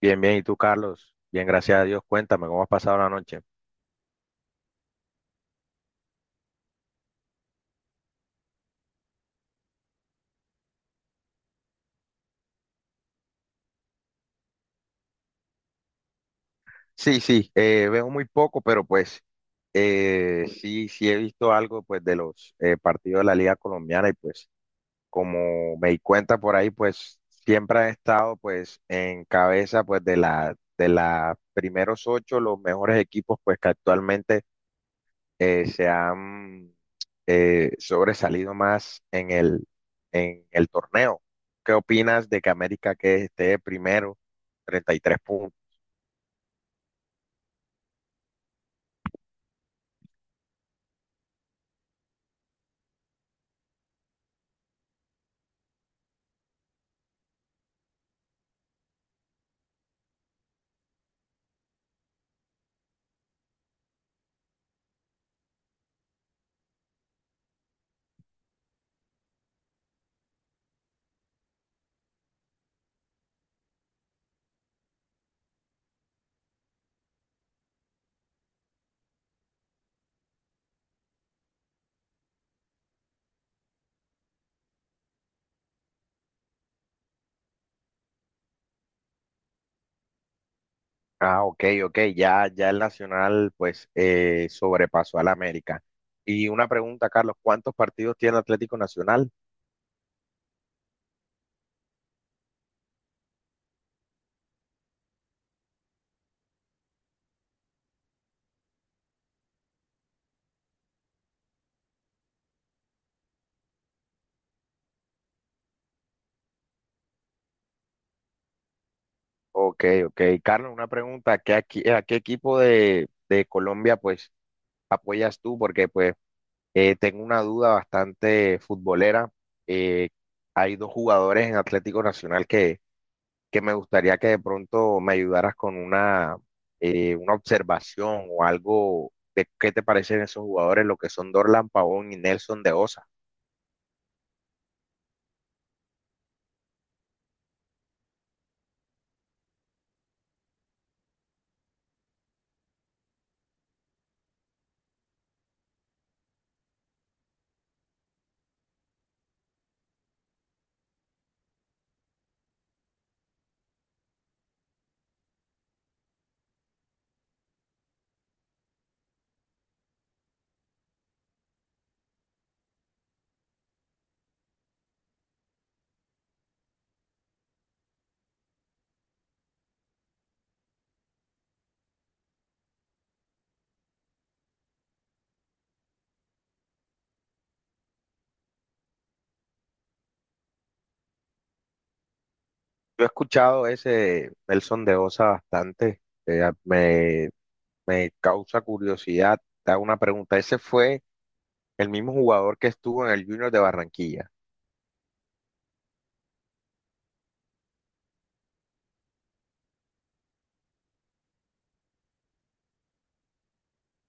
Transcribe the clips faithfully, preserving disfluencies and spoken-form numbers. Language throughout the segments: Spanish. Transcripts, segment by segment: Bien, bien. ¿Y tú, Carlos? Bien, gracias a Dios. Cuéntame, ¿cómo has pasado la noche? Sí, sí, eh, veo muy poco, pero pues eh, sí, sí he visto algo pues de los eh, partidos de la Liga Colombiana y pues como me di cuenta por ahí, pues siempre han estado pues en cabeza pues de la, de la primeros ocho, los mejores equipos pues que actualmente eh, se han eh, sobresalido más en el, en el torneo. ¿Qué opinas de que América que esté primero, treinta y tres puntos? Ah, ok, ok, ya, ya el Nacional pues eh, sobrepasó al América. Y una pregunta, Carlos, ¿cuántos partidos tiene Atlético Nacional? Ok, ok. Carlos, una pregunta, ¿qué, aquí- a qué equipo de, de Colombia pues apoyas tú? Porque pues Eh, tengo una duda bastante futbolera. Eh, hay dos jugadores en Atlético Nacional que, que me gustaría que de pronto me ayudaras con una, eh, una observación o algo de qué te parecen esos jugadores, lo que son Dorlan Pavón y Nelson de Osa. Yo he escuchado ese Nelson de Osa bastante, eh, me, me causa curiosidad. Te hago una pregunta, ¿ese fue el mismo jugador que estuvo en el Junior de Barranquilla?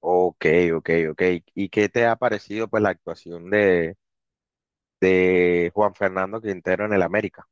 Ok, ok, ok. ¿Y qué te ha parecido pues la actuación de, de Juan Fernando Quintero en el América?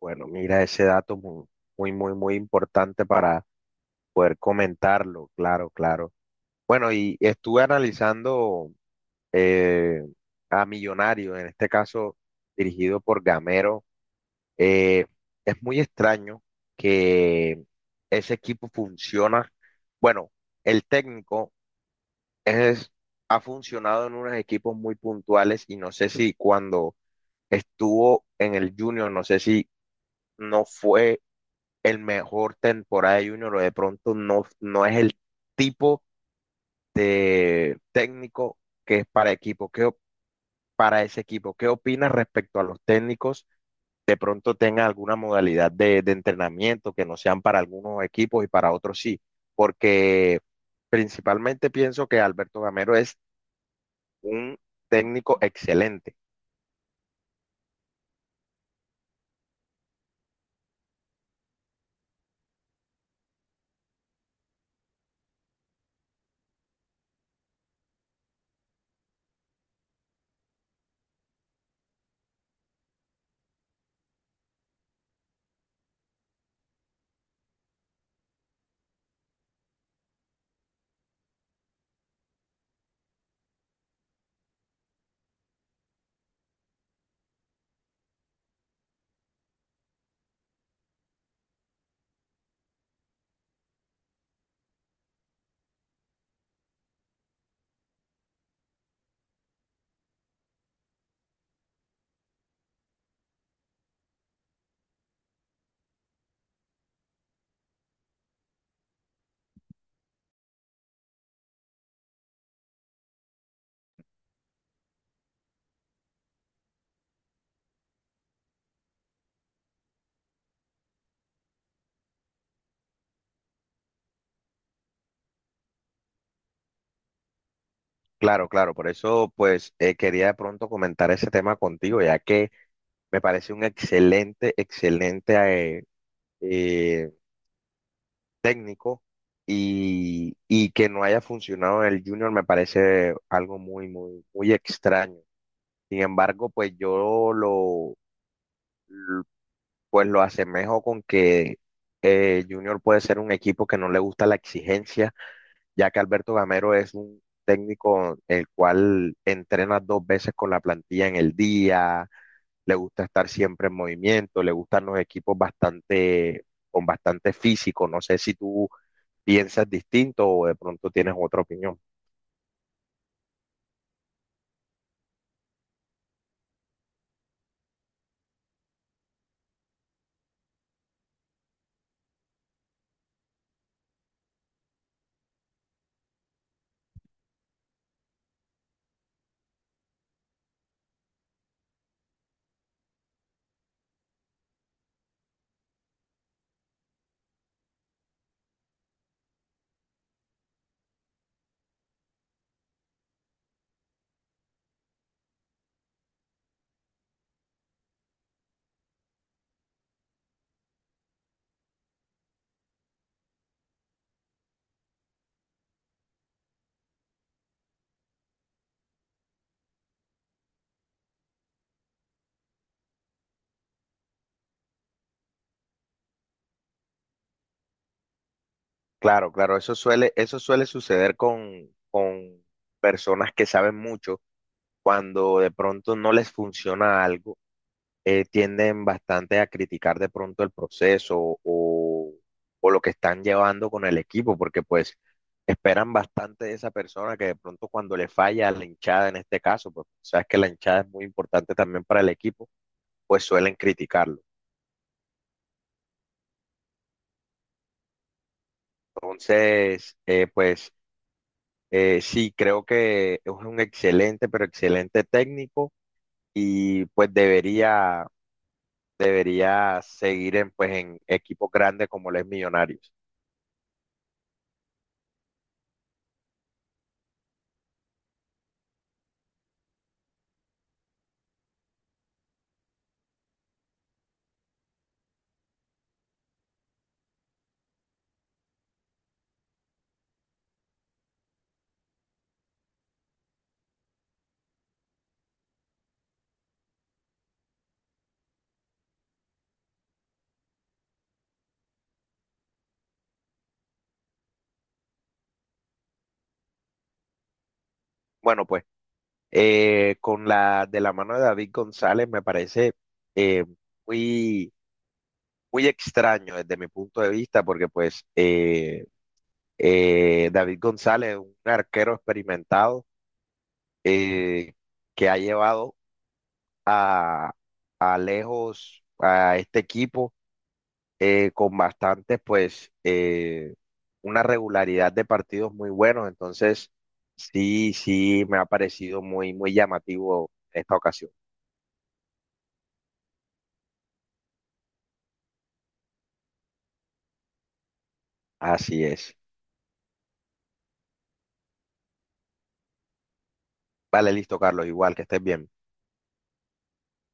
Bueno, mira ese dato muy, muy, muy, muy importante para poder comentarlo, claro, claro. Bueno, y estuve analizando eh, a Millonario, en este caso dirigido por Gamero. Eh, es muy extraño que ese equipo funciona. Bueno, el técnico es, ha funcionado en unos equipos muy puntuales y no sé si cuando estuvo en el Junior, no sé si no fue el mejor temporada de Junior o de pronto no, no es el tipo de técnico que es para equipo. ¿Qué, op- para ese equipo, ¿qué opinas respecto a los técnicos? De pronto tengan alguna modalidad de, de entrenamiento que no sean para algunos equipos y para otros sí, porque principalmente pienso que Alberto Gamero es un técnico excelente. Claro, claro, por eso pues eh, quería de pronto comentar ese tema contigo, ya que me parece un excelente, excelente eh, eh, técnico y, y que no haya funcionado en el Junior me parece algo muy, muy, muy extraño. Sin embargo, pues yo lo, pues lo asemejo con que eh, Junior puede ser un equipo que no le gusta la exigencia ya que Alberto Gamero es un técnico el cual entrena dos veces con la plantilla en el día, le gusta estar siempre en movimiento, le gustan los equipos bastante, con bastante físico. No sé si tú piensas distinto o de pronto tienes otra opinión. Claro, claro, eso suele, eso suele suceder con, con personas que saben mucho cuando de pronto no les funciona algo, eh, tienden bastante a criticar de pronto el proceso o, o lo que están llevando con el equipo, porque pues esperan bastante de esa persona que de pronto cuando le falla a la hinchada en este caso, pues sabes que la hinchada es muy importante también para el equipo, pues suelen criticarlo. Entonces, eh, pues eh, sí, creo que es un excelente, pero excelente técnico y pues debería, debería seguir en, pues, en equipos grandes como los Millonarios. Bueno, pues eh, con la de la mano de David González me parece eh, muy, muy extraño desde mi punto de vista, porque pues eh, eh, David González es un arquero experimentado eh, que ha llevado a, a lejos a este equipo, eh, con bastantes, pues, eh, una regularidad de partidos muy buenos. Entonces, sí, sí, me ha parecido muy, muy llamativo esta ocasión. Así es. Vale, listo, Carlos, igual, que estés bien.